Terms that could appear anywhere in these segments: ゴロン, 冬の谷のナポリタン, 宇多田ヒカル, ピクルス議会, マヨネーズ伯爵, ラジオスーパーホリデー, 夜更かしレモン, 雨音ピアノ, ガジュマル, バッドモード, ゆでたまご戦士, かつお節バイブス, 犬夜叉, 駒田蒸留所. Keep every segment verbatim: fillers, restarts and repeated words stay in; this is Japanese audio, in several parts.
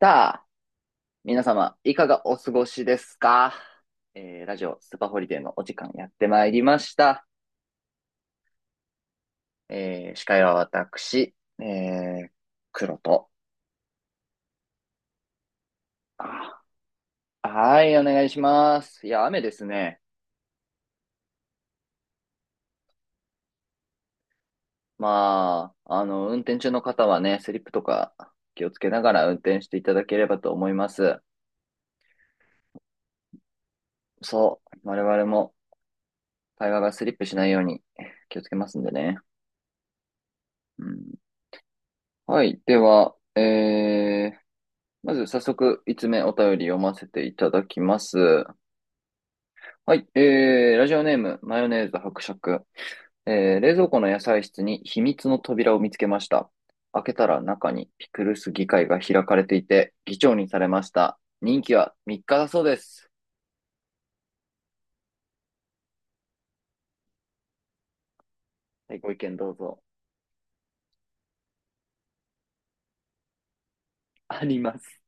さあ、皆様、いかがお過ごしですか？えーラジオスーパーホリデーのお時間やってまいりました。えー司会は私、えー、黒と。はい、お願いします。いや、雨ですね。まあ、あの、運転中の方はね、スリップとか気をつけながら運転していただければと思います。そう、我々も会話がスリップしないように気をつけますんでね。うん、はい、では、えー、まず早速、5つつ目お便り読ませていただきます。はい、えー、ラジオネーム、マヨネーズ伯爵。えー、冷蔵庫の野菜室に秘密の扉を見つけました。開けたら中にピクルス議会が開かれていて、議長にされました。任期はみっかだそうです。はい、ご意見どうぞ。あります。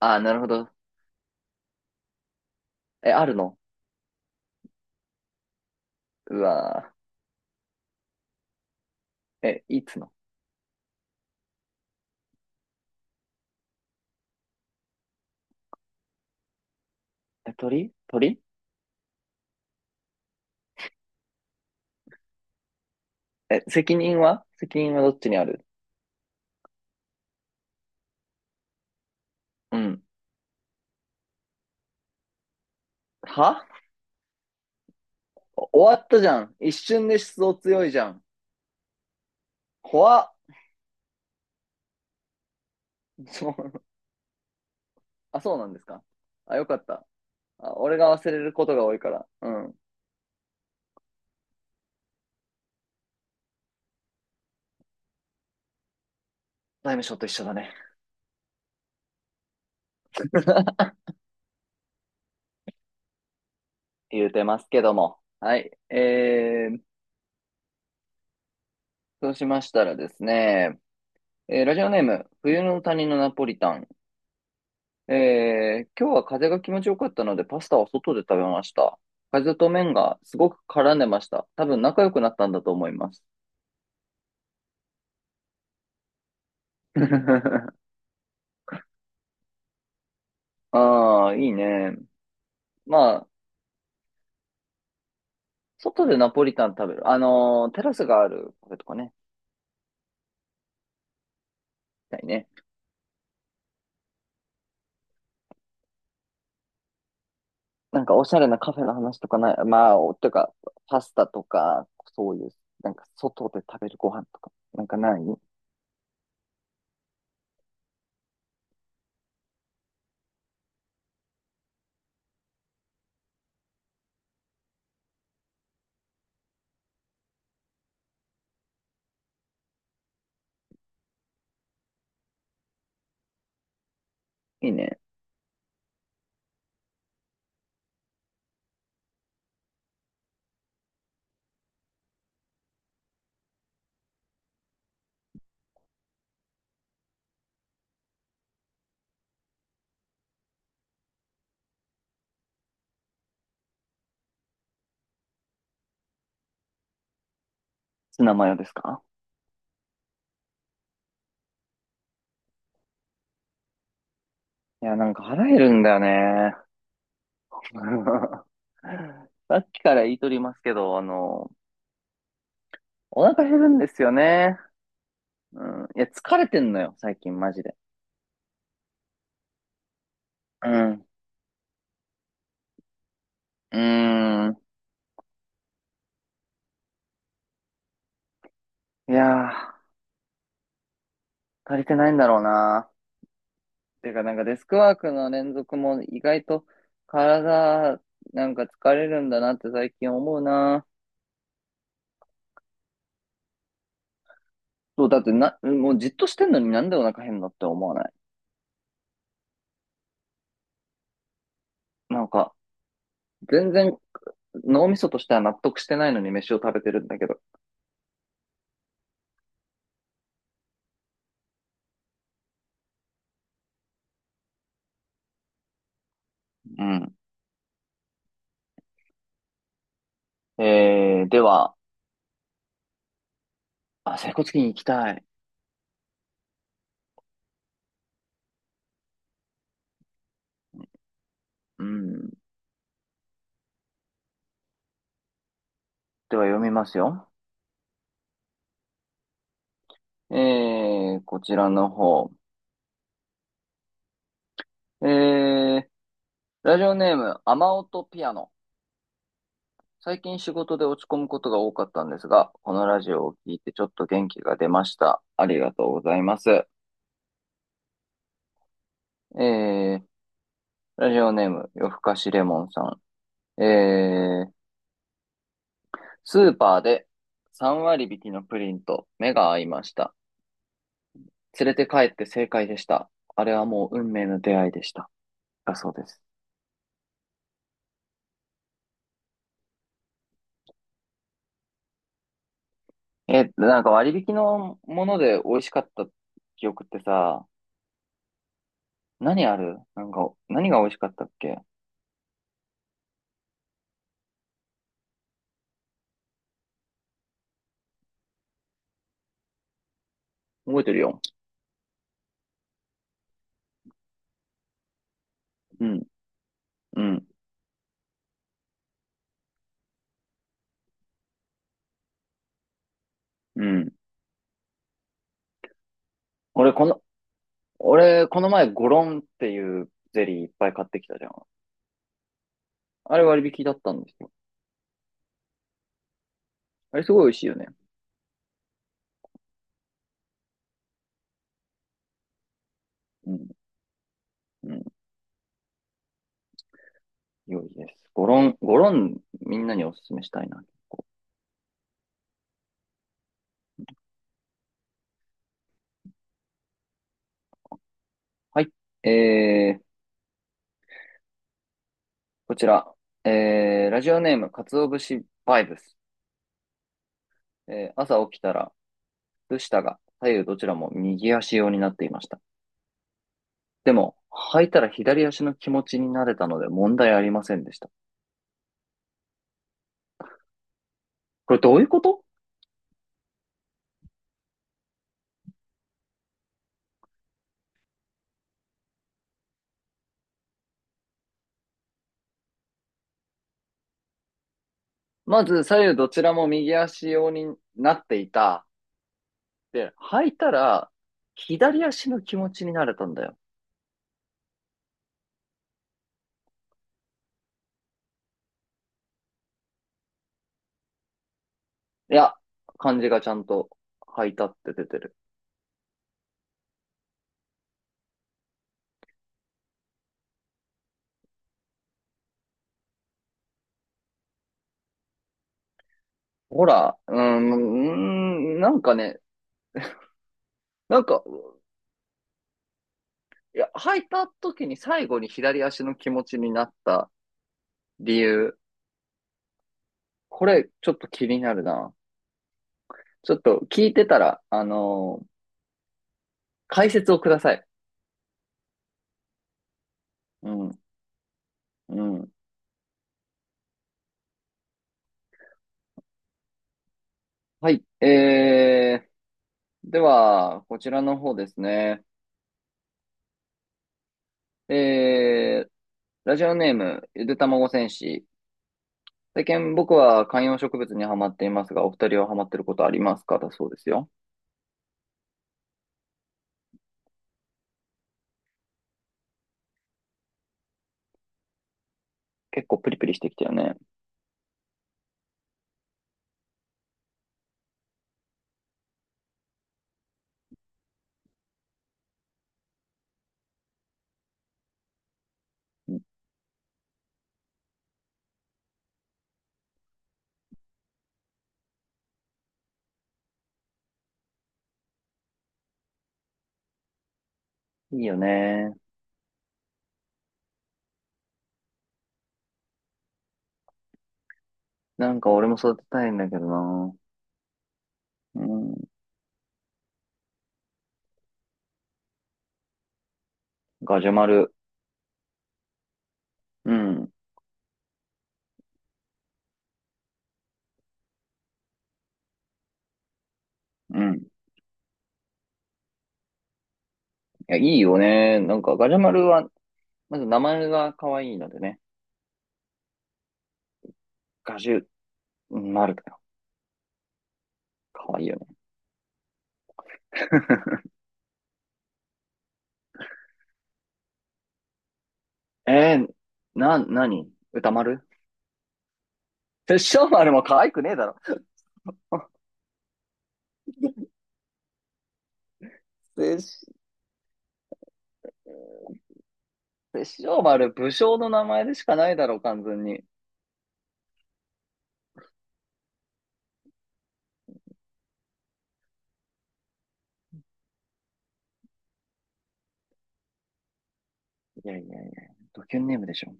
あー、なるほど。え、あるの？うわー。え、いつの？え、鳥鳥？え、責任は責任はどっちにある？うん。は？終わったじゃん。一瞬で出動強いじゃん。怖っ。そう。あ、そうなんですか。あ、よかった。あ、俺が忘れることが多いから。うん。財務省と一緒だね。言うてますけども。はい。えー、そうしましたらですね、えーラジオネーム、冬の谷のナポリタン。えー、今日は風が気持ちよかったので、パスタは外で食べました。風と麺がすごく絡んでました。多分仲良くなったんだと思います。ああ、いいね。まあ、外でナポリタン食べる。あのーテラスがあるカフェとかね、行きたいね。なんかおしゃれなカフェの話とかない？まあ、おとか、パスタとか、そういう、なんか外で食べるご飯とか、なんかない？いいね。ツナマヨですか？いや、なんか腹減るんだよね。さっきから言いとりますけど、あのーお腹減るんですよね。うん。いや、疲れてんのよ、最近、マジで。うん。うーん。いやー、足りてないんだろうな。てか、なんかデスクワークの連続も意外と体なんか疲れるんだなって最近思うな。そう、だってな、もうじっとしてんのになんでお腹減るのって思わない？なんか、全然脳みそとしては納得してないのに飯を食べてるんだけど。うん。えー、では、あ、整骨院行きたい。うん。では読みますよ。えー、こちらの方。えー、ラジオネーム、雨音ピアノ。最近仕事で落ち込むことが多かったんですが、このラジオを聞いてちょっと元気が出ました。ありがとうございます。えー、ラジオネーム、夜更かしレモンさん。えー、スーパーでさん割引きのプリンと目が合いました。連れて帰って正解でした。あれはもう運命の出会いでした。だそうです。えー、なんか割引のもので美味しかった記憶ってさ、何ある？なんか、何が美味しかったっけ？覚えてるよ。うん、うん、うん。俺、この、俺、この前、ゴロンっていうゼリーいっぱい買ってきたじゃん。あれ割引だったんですよ。あれすごい美味しいよね。うん、うん、良いです。ゴロン、ゴロン、みんなにおすすめしたいな。はい。えー、こちら。えー、ラジオネーム、かつお節バイブス。えー、朝起きたら、靴下が左右どちらも右足用になっていました。でも、履いたら左足の気持ちになれたので問題ありませんでした。これどういうこと？まず左右どちらも右足用になっていた。で、履いたら、左足の気持ちになれたんだよ。いや、漢字がちゃんと履いたって出てる。ほら、うーん、うーんなんかね、なんか、いや、履いた時に最後に左足の気持ちになった理由、これちょっと気になるな。ちょっと聞いてたら、あのー解説をください。うん、うん。はい。えー、では、こちらの方ですね。えー、ラジオネーム、ゆでたまご戦士。最近僕は観葉植物にはまっていますが、おふたりはハマってることありますか、だそうですよ。結構プリプリしてきたよね。いいよね。なんか俺も育てたいんだけどな。うん。ガジュマル。うん。うん。いや、いいよね。なんかガジュマルは、まず名前が可愛いのでね。ガジュマルだよ。可愛いよね。えー、な、なに歌丸？殺生丸も可愛くねえだろ。殺で、塩丸、武将の名前でしかないだろう、完全に。いやいやいや、ドキュンネームでしょ。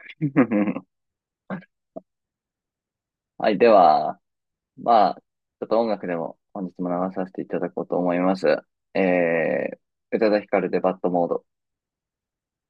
はい、では、まあ、ちょっと音楽でも本日も流させていただこうと思います。えー、宇多田ヒカルでバッドモード。